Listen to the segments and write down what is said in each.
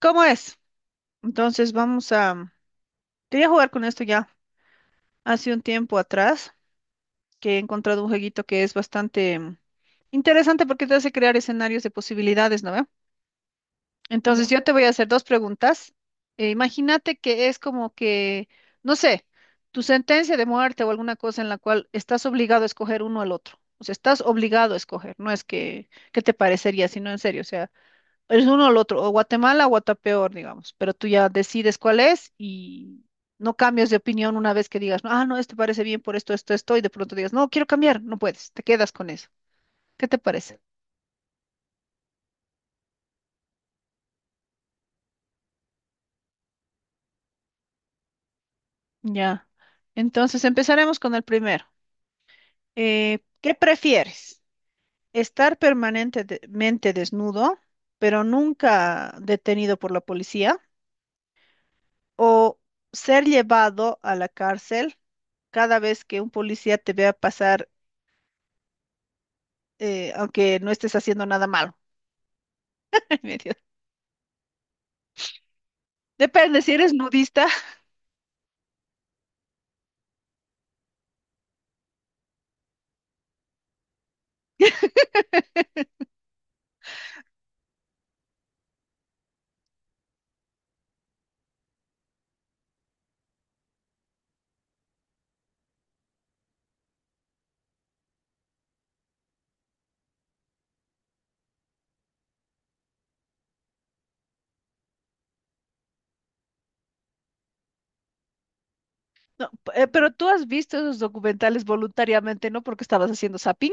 ¿Cómo es? Entonces vamos a... Quería jugar con esto ya hace un tiempo atrás, que he encontrado un jueguito que es bastante interesante porque te hace crear escenarios de posibilidades, ¿no ve? Entonces yo te voy a hacer dos preguntas. Imagínate que es como que, no sé, tu sentencia de muerte o alguna cosa en la cual estás obligado a escoger uno al otro. O sea, estás obligado a escoger, no es que te parecería, sino en serio. O sea, es uno o el otro, o Guatemala o Guatapeor, digamos, pero tú ya decides cuál es y no cambias de opinión una vez que digas, no, ah, no, este parece bien por esto, esto, esto, y de pronto digas, no, quiero cambiar, no puedes, te quedas con eso. ¿Qué te parece? Ya. Entonces empezaremos con el primero. ¿Qué prefieres? ¿Estar permanentemente desnudo, pero nunca detenido por la policía? ¿O ser llevado a la cárcel cada vez que un policía te vea pasar aunque no estés haciendo nada malo? Me dio- Depende, si eres nudista. No, pero tú has visto esos documentales voluntariamente, ¿no? Porque estabas haciendo zapping.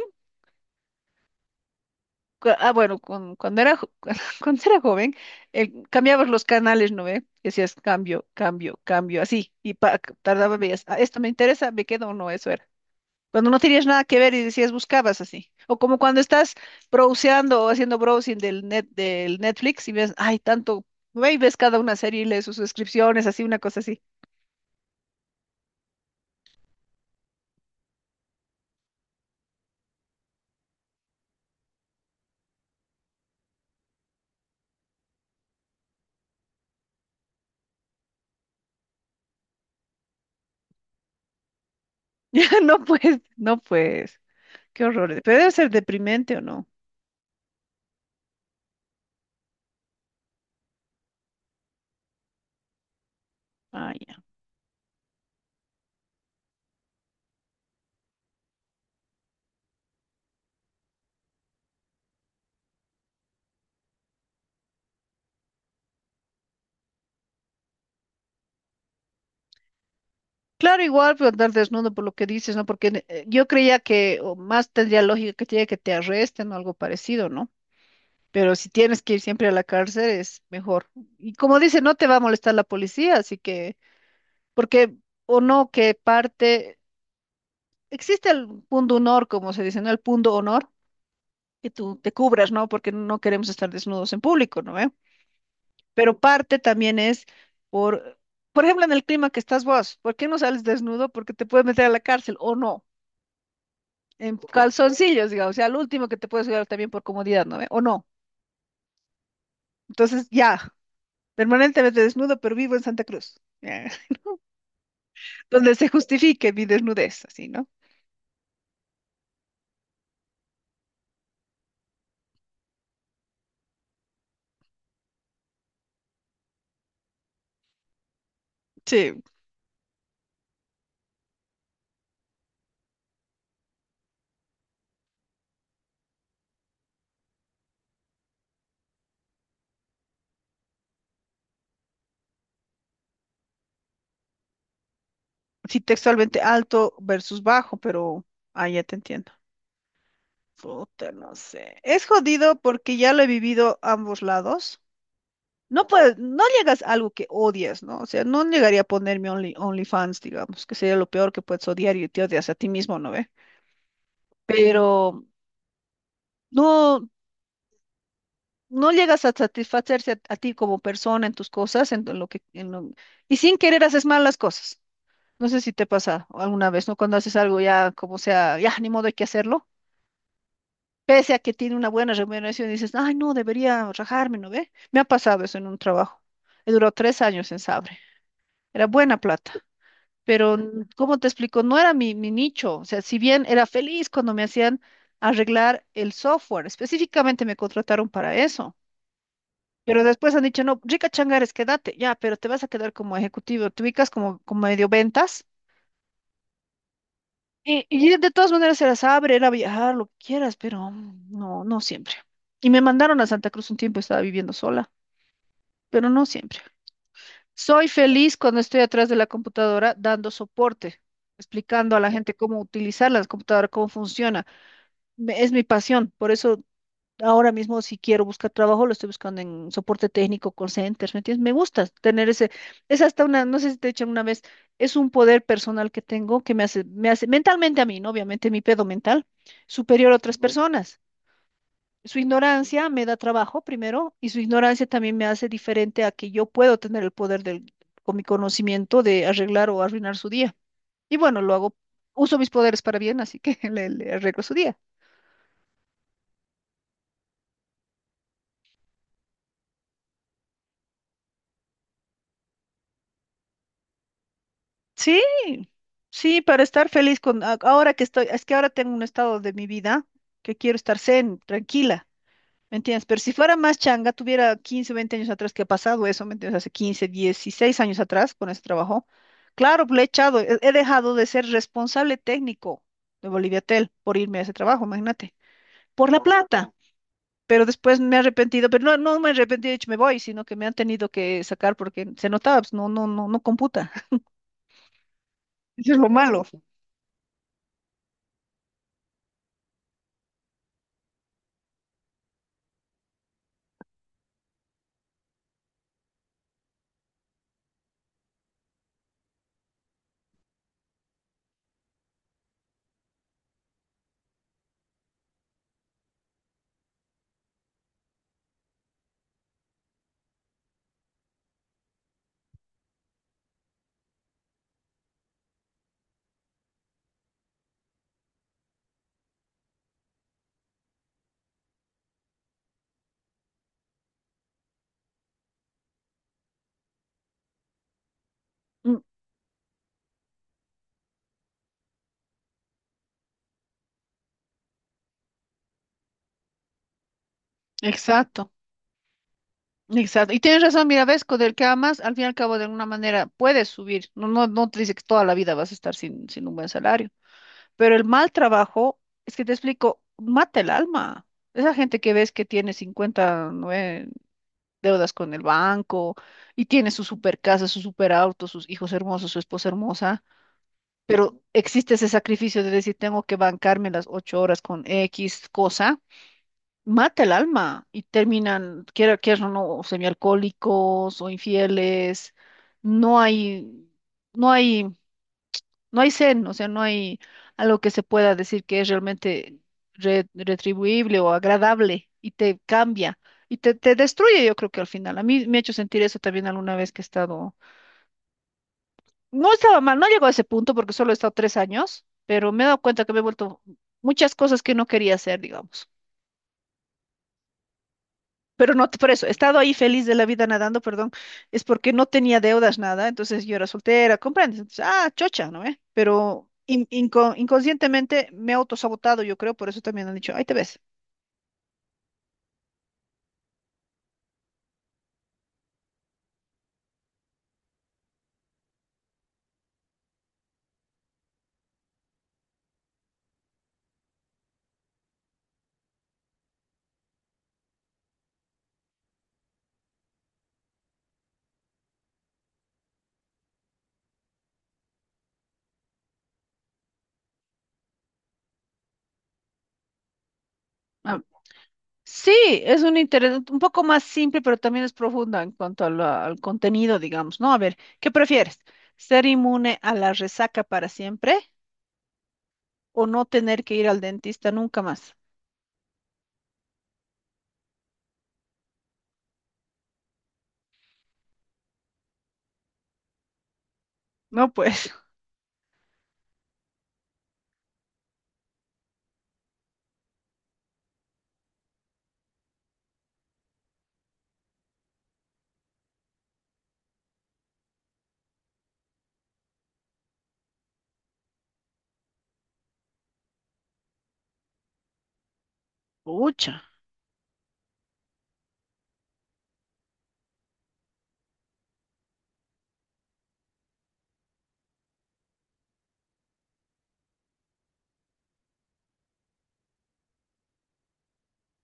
Ah, bueno, cuando era, cuando era joven, cambiabas los canales, ¿no ve? Decías cambio, cambio, cambio, así, y tardaba, veías, "Ah, esto me interesa, me quedo o no", eso era. Cuando no tenías nada que ver y decías buscabas así. O como cuando estás browseando o haciendo browsing del net, del Netflix, y ves, ay, tanto, ve y ves cada una serie y lees sus suscripciones, así, una cosa así. Ya. No pues, qué horror. Pero debe ser deprimente o no. Ah, ya. Claro, igual, pero andar desnudo por lo que dices, ¿no? Porque yo creía que o más tendría lógica que te arresten o algo parecido, ¿no? Pero si tienes que ir siempre a la cárcel, es mejor. Y como dice, no te va a molestar la policía, así que, porque, o no, que parte, existe el punto honor, como se dice, ¿no? El punto honor, que tú te cubras, ¿no? Porque no queremos estar desnudos en público, ¿no ve? Pero parte también es por, por ejemplo, en el clima que estás vos, ¿por qué no sales desnudo? Porque te puedes meter a la cárcel, o no, en calzoncillos, digamos, o sea, al último que te puedes llevar también por comodidad, ¿no ve? O no. Entonces, ya, permanentemente desnudo, pero vivo en Santa Cruz, donde se justifique mi desnudez, así, ¿no? Sí, sí, textualmente alto versus bajo, pero ah, ya te entiendo. Puta, no sé. Es jodido porque ya lo he vivido ambos lados. No puedes, no llegas a algo que odias, ¿no? O sea, no llegaría a ponerme only, OnlyFans, digamos, que sería lo peor que puedes odiar y te odias a ti mismo, ¿no ve? Pero no, no llegas a satisfacerse a ti como persona en tus cosas, en lo que, y sin querer haces mal las cosas. No sé si te pasa alguna vez, ¿no? Cuando haces algo ya, como sea, ya, ni modo hay que hacerlo, pese a que tiene una buena remuneración, dices, ay, no, debería rajarme, ¿no ve? Me ha pasado eso en un trabajo. He durado 3 años en Sabre. Era buena plata, pero, ¿cómo te explico? No era mi nicho. O sea, si bien era feliz cuando me hacían arreglar el software, específicamente me contrataron para eso. Pero después han dicho, no, rica changares, quédate, ya, pero te vas a quedar como ejecutivo, te ubicas como, como medio ventas. Y de todas maneras se las abre, era viajar, lo que quieras, pero no, no siempre. Y me mandaron a Santa Cruz un tiempo, estaba viviendo sola, pero no siempre. Soy feliz cuando estoy atrás de la computadora dando soporte, explicando a la gente cómo utilizar la computadora, cómo funciona. Es mi pasión, por eso ahora mismo, si quiero buscar trabajo, lo estoy buscando en soporte técnico, call centers, ¿me entiendes? Me gusta tener ese, es hasta una, no sé si te he dicho una vez, es un poder personal que tengo que me hace, mentalmente a mí, ¿no? Obviamente mi pedo mental, superior a otras personas. Su ignorancia me da trabajo primero y su ignorancia también me hace diferente a que yo puedo tener el poder del, con mi conocimiento de arreglar o arruinar su día. Y bueno, lo hago, uso mis poderes para bien, así que le arreglo su día. Sí, sí, para estar feliz con ahora que estoy, es que ahora tengo un estado de mi vida que quiero estar zen, tranquila, ¿me entiendes? Pero si fuera más changa, tuviera 15, 20 años atrás que ha pasado eso, ¿me entiendes? Hace 15, 16 años atrás con ese trabajo. Claro, le he echado, he dejado de ser responsable técnico de Boliviatel por irme a ese trabajo, imagínate, por la plata. Pero después me he arrepentido, pero no, no me he arrepentido, he dicho, me voy, sino que me han tenido que sacar porque se notaba, pues, no, no, no, no computa. Eso es lo malo. Exacto, exacto. Y tienes razón, mira, ves, con el que amas, al fin y al cabo, de alguna manera puedes subir. No, no, no te dice que toda la vida vas a estar sin, sin un buen salario. Pero el mal trabajo, es que te explico, mata el alma. Esa gente que ves que tiene deudas con el banco y tiene su super casa, su super auto, sus hijos hermosos, su esposa hermosa, pero existe ese sacrificio de decir, tengo que bancarme las 8 horas con X cosa, mata el alma y terminan, quiera, quieran o no, semialcohólicos o infieles. No hay, no hay, no hay zen, o sea, no hay algo que se pueda decir que es realmente retribuible o agradable y te cambia y te destruye, yo creo que al final. A mí me ha hecho sentir eso también alguna vez que he estado, no estaba mal, no llegó a ese punto porque solo he estado 3 años, pero me he dado cuenta que me he vuelto muchas cosas que no quería hacer, digamos. Pero no, por eso, he estado ahí feliz de la vida nadando, perdón, es porque no tenía deudas, nada, entonces yo era soltera, ¿comprendes? Entonces, ah, chocha, ¿no ve? Pero inconscientemente me he autosabotado, yo creo, por eso también han dicho, ahí te ves. Ah, sí, es un interés un poco más simple, pero también es profunda en cuanto a la- al contenido, digamos, ¿no? A ver, ¿qué prefieres? ¿Ser inmune a la resaca para siempre o no tener que ir al dentista nunca más? No, pues, pucha,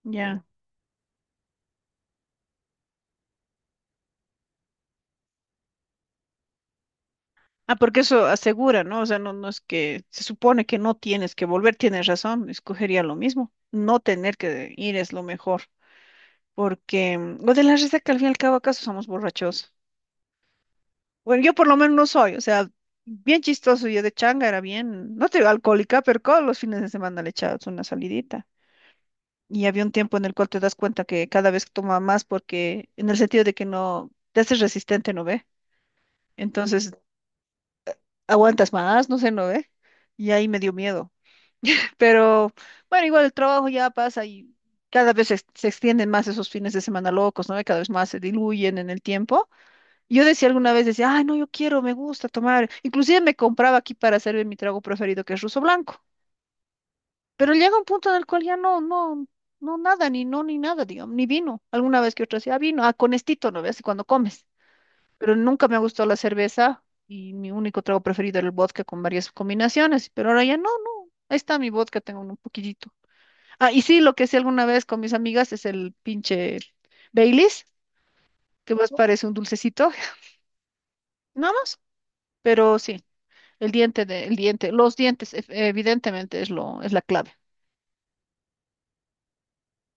ya. Ah, porque eso asegura, ¿no? O sea, no, no es que se supone que no tienes que volver, tienes razón, escogería lo mismo. No tener que ir es lo mejor, porque lo de la risa que al fin y al cabo acaso somos borrachos. Bueno, yo por lo menos no soy, o sea, bien chistoso, yo de changa era bien, no te digo alcohólica, pero todos los fines de semana le echabas una salidita. Y había un tiempo en el cual te das cuenta que cada vez toma más porque, en el sentido de que no, te haces resistente, ¿no ve? Entonces, aguantas más, no sé, ¿no ve? Y ahí me dio miedo. Pero bueno, igual el trabajo ya pasa y cada vez se, se extienden más esos fines de semana locos, ¿no? Y cada vez más se diluyen en el tiempo. Yo decía alguna vez, decía, ay, no, yo quiero, me gusta tomar. Inclusive me compraba aquí para hacerme mi trago preferido, que es ruso blanco. Pero llega un punto en el cual ya no, no, no nada, ni no, ni nada, digamos, ni vino. Alguna vez que otra decía, "Ah, vino, ah, con estito", ¿no ves? Cuando comes. Pero nunca me ha gustado la cerveza y mi único trago preferido era el vodka con varias combinaciones. Pero ahora ya no, no. Ahí está mi vodka, tengo un poquitito. Ah, y sí, lo que hacía alguna vez con mis amigas es el pinche Baileys, que más parece un dulcecito, nada más, pero sí, el diente de, el diente, los dientes, evidentemente es lo, es la clave.